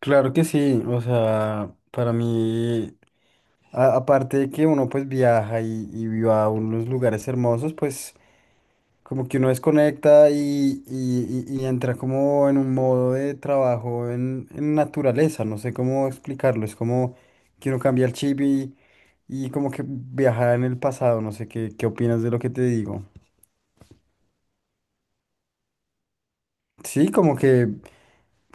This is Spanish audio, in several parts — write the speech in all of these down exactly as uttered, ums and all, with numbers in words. Claro que sí, o sea, para mí, a- aparte de que uno pues viaja y, y va a unos lugares hermosos, pues como que uno desconecta y, y- y- y entra como en un modo de trabajo en, en naturaleza, no sé cómo explicarlo, es como que uno cambia el chip y, y como que viaja en el pasado, no sé qué, qué opinas de lo que te digo. Sí, como que,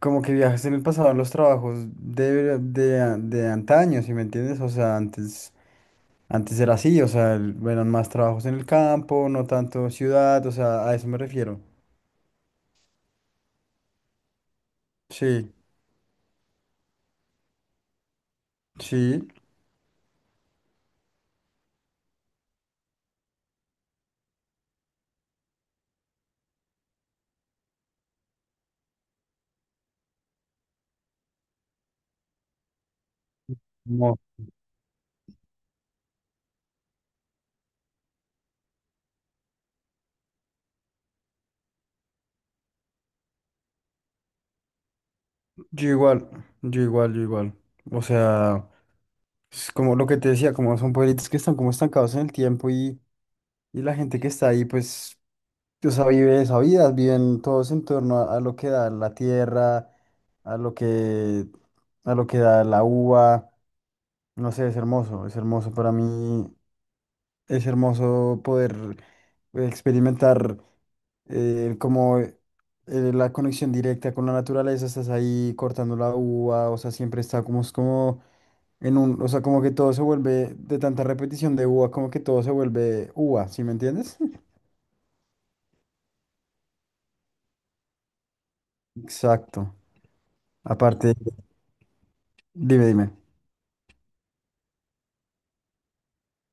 como que viajas en el pasado en los trabajos de, de, a- de antaño, ¿si me entiendes? O sea, antes... Antes era así, o sea, el- eran más trabajos en el campo, no tanto ciudad, o sea, a eso me refiero. Sí, sí, no, yo igual, yo igual, yo igual. O sea, es como lo que te decía, como son pueblitos que están como estancados en el tiempo y, y la gente que está ahí, pues, o sea, vive esa vida, viven todos en torno a, a lo que da la tierra, a lo que, a lo que da la uva. No sé, es hermoso, es hermoso para mí. Es hermoso poder experimentar eh, como eh, la conexión directa con la naturaleza, estás ahí cortando la uva, o sea, siempre está como, es como en un, o sea, como que todo se vuelve de tanta repetición de uva, como que todo se vuelve uva, ¿sí me entiendes? Exacto. Aparte, dime, dime,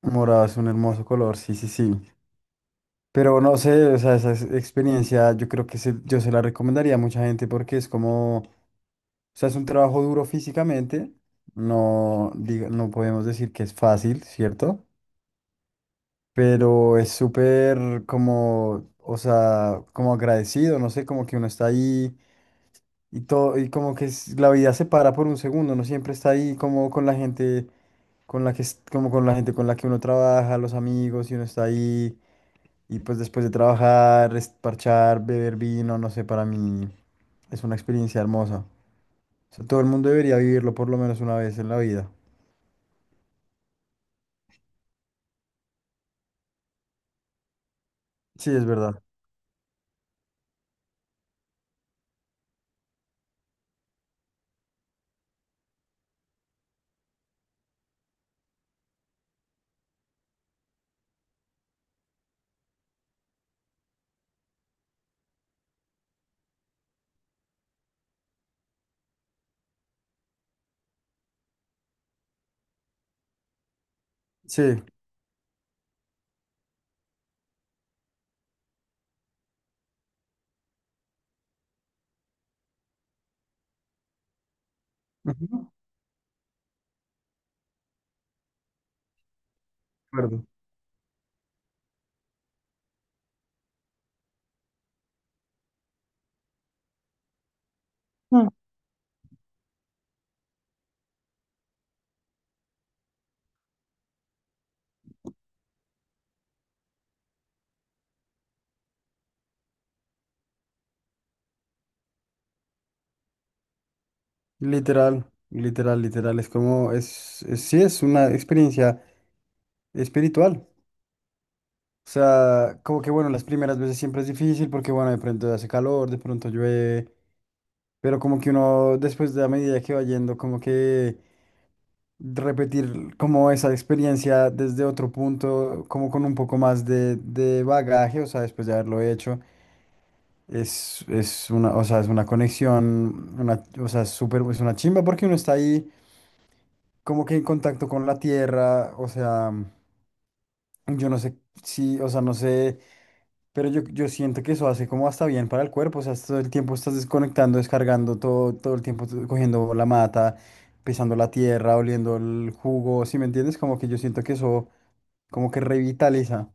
morado es un hermoso color, sí, sí, sí. Pero no sé, o sea, esa es- experiencia yo creo que se- yo se la recomendaría a mucha gente porque es como... O sea, es un trabajo duro físicamente. No, diga- no podemos decir que es fácil, ¿cierto? Pero es súper como, o sea, como agradecido, no sé, como que uno está ahí y todo, y como que es- la vida se para por un segundo, uno siempre está ahí como con la gente con la que, es- como con la gente con la que uno trabaja, los amigos, y uno está ahí, y pues después de trabajar, es parchar, beber vino, no sé, para mí es una experiencia hermosa. O sea, todo el mundo debería vivirlo por lo menos una vez en la vida. Sí, es verdad. Sí. Ujú, de acuerdo. Mm. Literal, literal, literal. Es como, es, es- sí, es una experiencia espiritual. O sea, como que bueno, las primeras veces siempre es difícil porque bueno, de pronto hace calor, de pronto llueve, pero como que uno después de la medida que va yendo, como que repetir como esa experiencia desde otro punto, como con un poco más de, de bagaje, o sea, después de haberlo hecho. Es, es una, o sea, es una conexión, una, o sea, es súper, es una chimba porque uno está ahí como que en contacto con la tierra, o sea, yo no sé si, o sea, no sé, pero yo, yo siento que eso hace como hasta bien para el cuerpo, o sea, todo el tiempo estás desconectando, descargando todo, todo el tiempo tú cogiendo la mata, pisando la tierra, oliendo el jugo, ¿sí me entiendes? Como que yo siento que eso como que revitaliza.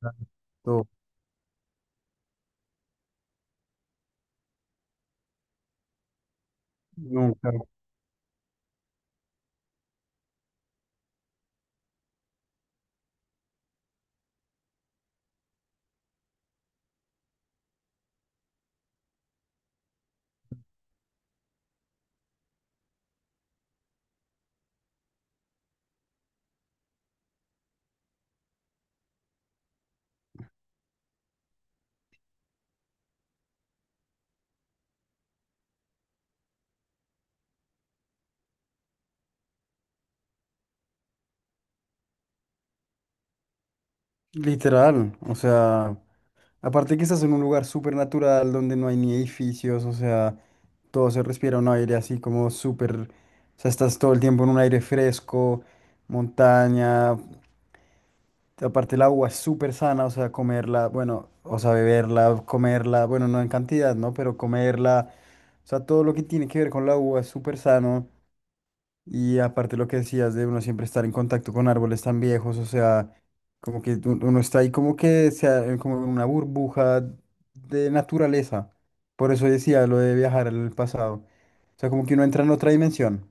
Claro. Todo. Nunca. Literal, o sea. Aparte que estás en un lugar súper natural donde no hay ni edificios, o sea, todo se respira un aire así como súper, o sea, estás todo el tiempo en un aire fresco, montaña, aparte el agua es súper sana, o sea, comerla, bueno, o sea, beberla, comerla, bueno, no en cantidad, ¿no? Pero comerla, o sea, todo lo que tiene que ver con la agua es súper sano. Y aparte lo que decías de uno siempre estar en contacto con árboles tan viejos, o sea, como que un- uno está ahí como que sea eh, como en una burbuja de naturaleza. Por eso decía lo de viajar al pasado. O sea, como que uno entra en otra dimensión.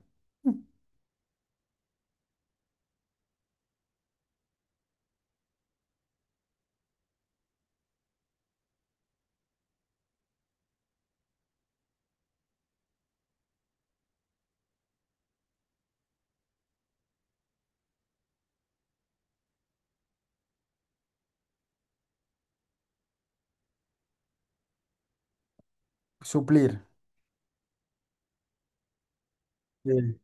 Suplir. Sí,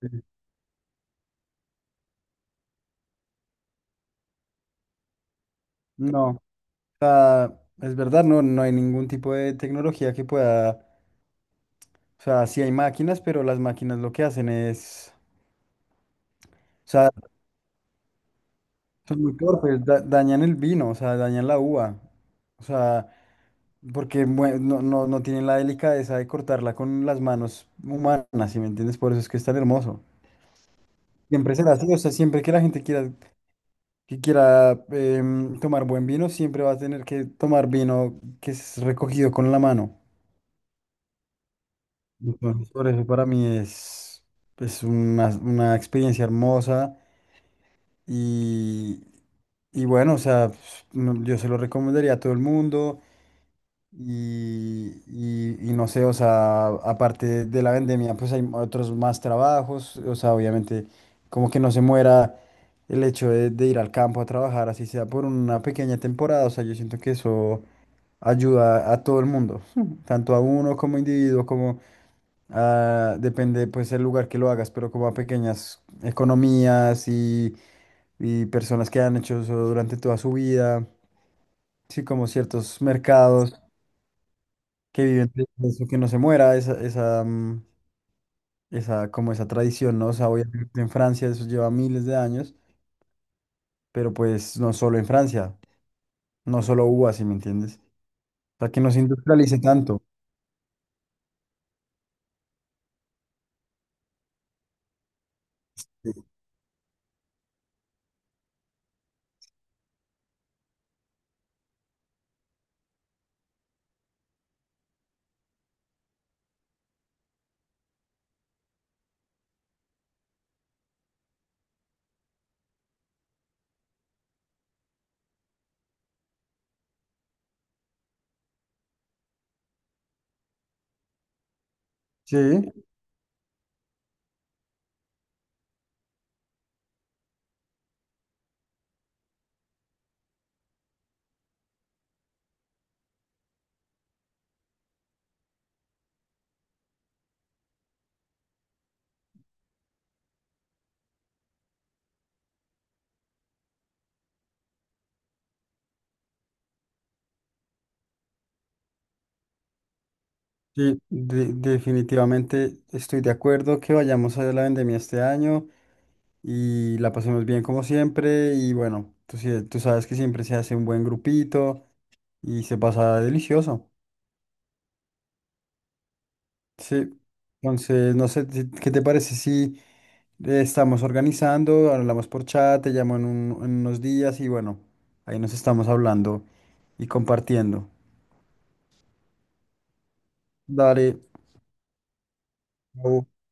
sí. No, o sea, es verdad, no, no hay ningún tipo de tecnología que pueda, o sea, sí hay máquinas, pero las máquinas lo que hacen es, o sea, son muy torpes, da- dañan el vino, o sea, dañan la uva. O sea, porque mue- no, no, no tienen la delicadeza de cortarla con las manos humanas, ¿si me entiendes? Por eso es que es tan hermoso. Siempre será así, o sea, siempre que la gente quiera, que quiera em, tomar buen vino, siempre va a tener que tomar vino que es recogido con la mano. Entonces, por eso para mí es, es una, una experiencia hermosa y, y bueno, o sea, pues, no- yo se lo recomendaría a todo el mundo. Y, y- y no sé, o sea, aparte de la vendemia, pues hay otros más trabajos, o sea, obviamente como que no se muera el hecho de, de ir al campo a trabajar, así sea por una pequeña temporada, o sea, yo siento que eso ayuda a todo el mundo. Ujú. Tanto a uno como individuo, como a, depende pues el lugar que lo hagas, pero como a pequeñas economías y, y personas que han hecho eso durante toda su vida, sí, como ciertos mercados. Que viven de eso, que no se muera, esa, esa, mm, esa, como esa tradición, ¿no? O sea, obviamente en Francia eso lleva miles de años, pero pues no solo en Francia, no solo hubo así, ¿me entiendes? O sea, que no se industrialice tanto. Sí, sí, de- definitivamente estoy de acuerdo que vayamos a la vendemia este año y la pasemos bien como siempre y bueno, tú, sí- tú sabes que siempre se hace un buen grupito y se pasa delicioso. Sí, entonces no sé, si- ¿qué te parece si eh, estamos organizando? Hablamos por chat, te llamo en, un- en unos días y bueno, ahí nos estamos hablando y compartiendo. Dale. Chao.